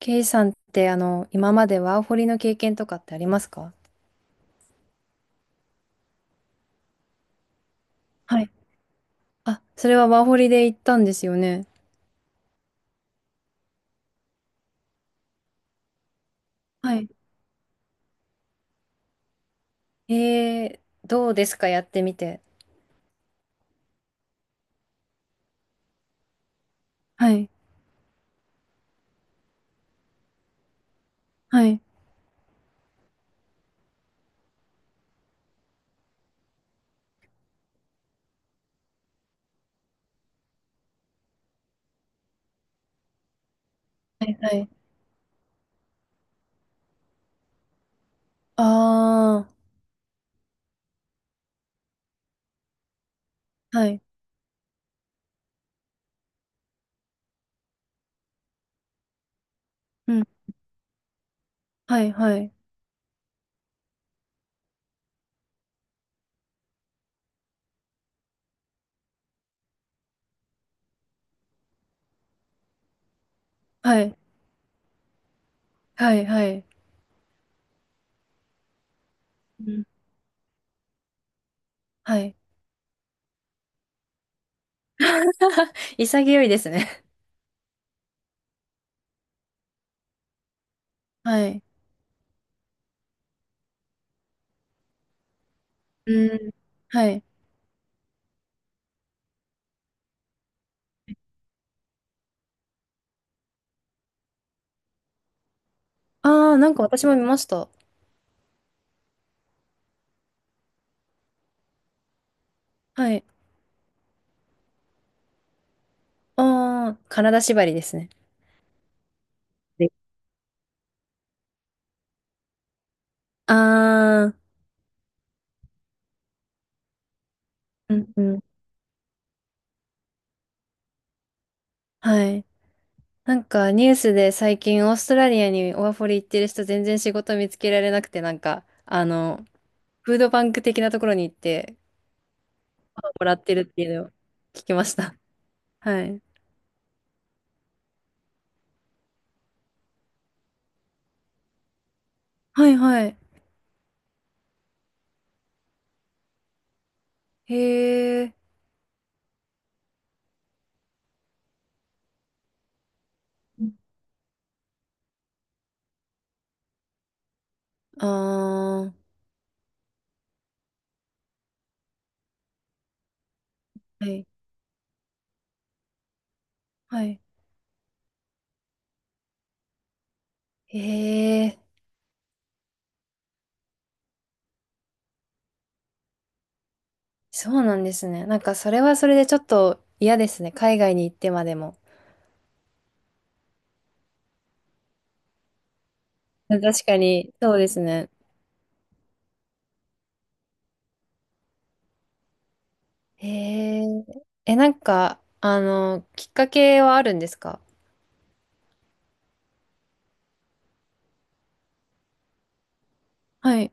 ケイさんって、今までワーホリの経験とかってありますか？はい。あ、それはワーホリで行ったんですよね。はい。えー、どうですかやってみて。はい、はい。はい、はい。あー、はい。うん。はい、はい。はい、はい。はい。うん、はい。潔いですね。はい。うん。はい。あー、なんか私も見ました。はい。あー、体縛りですね。で、あー、うん、うん。はい。なんかニュースで最近オーストラリアにワーホリ行ってる人全然仕事見つけられなくて、フードバンク的なところに行ってもらってるっていうのを聞きました。はい。はいはい。へえ。ああ、はい。はい。へえ、あー、はいはい、へえ。そうなんですね。なんかそれはそれでちょっと嫌ですね。海外に行ってまでも。確かに、そうですね。へえ。え、なんか、きっかけはあるんですか？はい。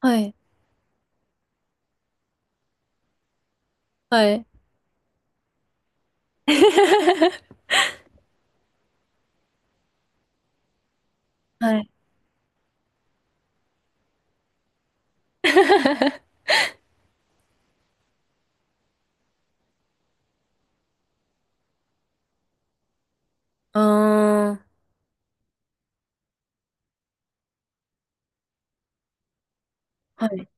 はいはい。はい。ああ。はい。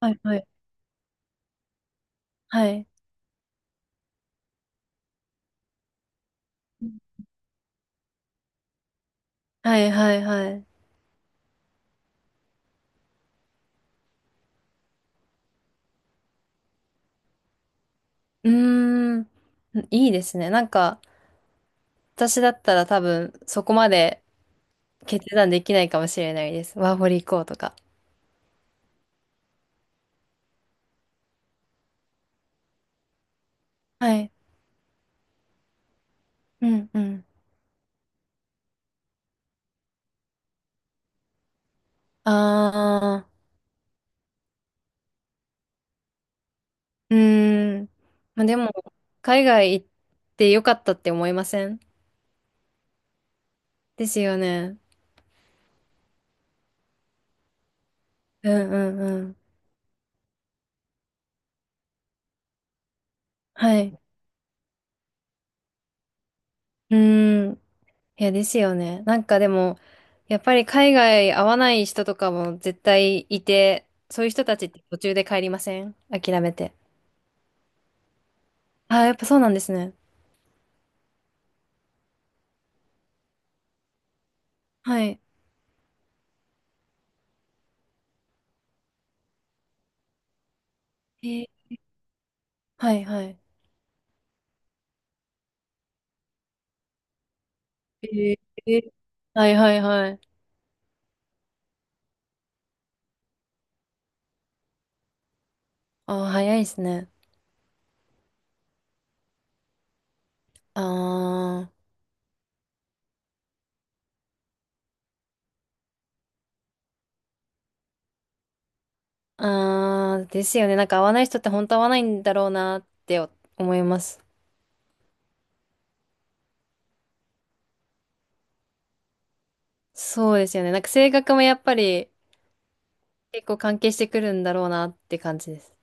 はい、はい、はい。はい、はい、はい。うーん、いいですね。なんか、私だったら多分、そこまで決断できないかもしれないです。ワーホリ行こうとか。はい。うん、うん。ああ。うーん。まあ、でも、海外行ってよかったって思いません？ですよね。うん、うん、うん。はい。うーん。いや、ですよね。なんかでも、やっぱり海外合わない人とかも絶対いて、そういう人たちって途中で帰りません？諦めて。あ、やっぱそうなんですね。はい。えー、はいはい。えー、はいはいはい。あ、早いですね。あー。あー、ですよね。なんか合わない人って本当合わないんだろうなって思います。そうですよね。なんか性格もやっぱり結構関係してくるんだろうなって感じです。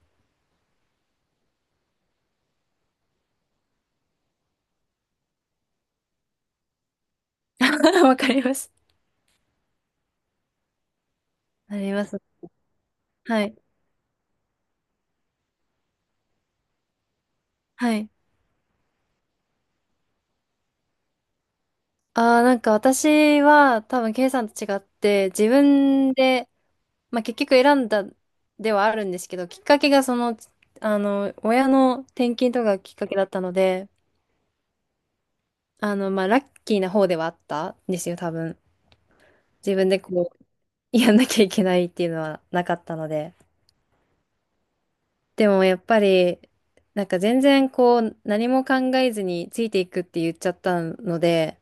わかります。なります。はい。はい。ああ、なんか私は多分 K さんと違って自分で、まあ、結局選んだではあるんですけど、きっかけがその、親の転勤とかがきっかけだったので、まあ、ラッキーな方ではあったんですよ、多分。自分でこう、やんなきゃいけないっていうのはなかったので。でもやっぱり、なんか全然こう、何も考えずについていくって言っちゃったので、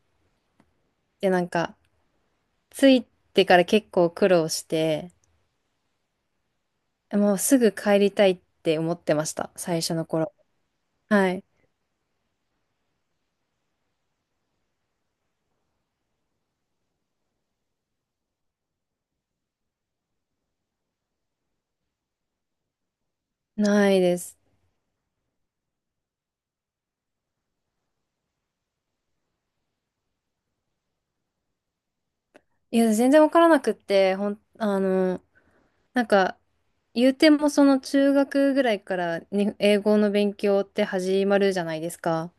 で、なんか、ついてから結構苦労して、もうすぐ帰りたいって思ってました、最初の頃。はい。ないです。いや、全然わからなくって、なんか、言うてもその中学ぐらいからに英語の勉強って始まるじゃないですか。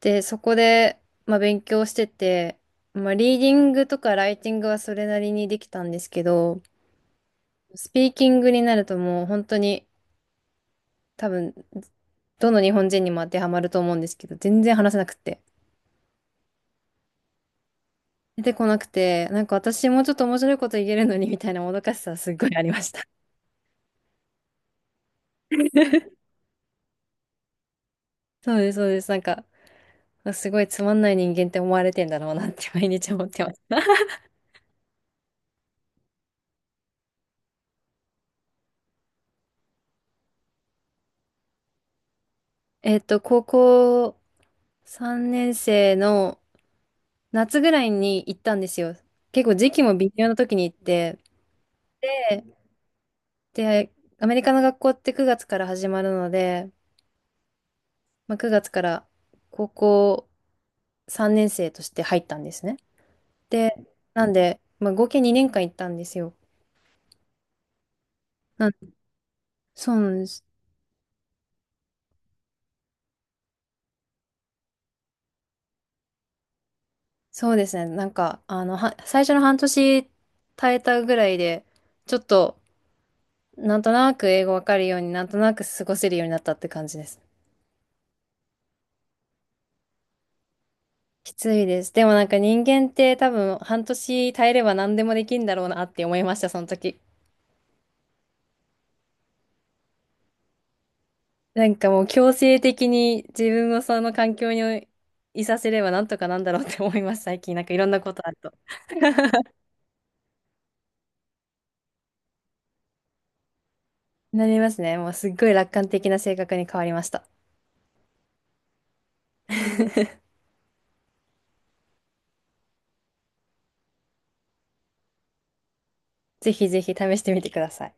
で、そこで、まあ、勉強してて、まあ、リーディングとかライティングはそれなりにできたんですけど、スピーキングになるともう本当に多分、どの日本人にも当てはまると思うんですけど、全然話せなくって。出てこなくて、なんか私もうちょっと面白いこと言えるのにみたいなもどかしさはすっごいありました。そうです、そうです。なんか、すごいつまんない人間って思われてんだろうなって毎日思ってます。えっと、高校3年生の夏ぐらいに行ったんですよ。結構時期も微妙な時に行って、で、アメリカの学校って9月から始まるので、まあ、9月から高校3年生として入ったんですね。で、なんで、まあ、合計2年間行ったんですよ。そうなんです。そうですね。なんか、最初の半年耐えたぐらいで、ちょっと、なんとなく英語わかるように、なんとなく過ごせるようになったって感じです。きついです。でもなんか人間って多分半年耐えれば何でもできるんだろうなって思いました、その時。なんかもう強制的に自分をその環境にいさせればなんとかなんだろうって思います、最近。なんかいろんなことあると。なりますね。もうすっごい楽観的な性格に変わりました。ぜひぜひ試してみてください。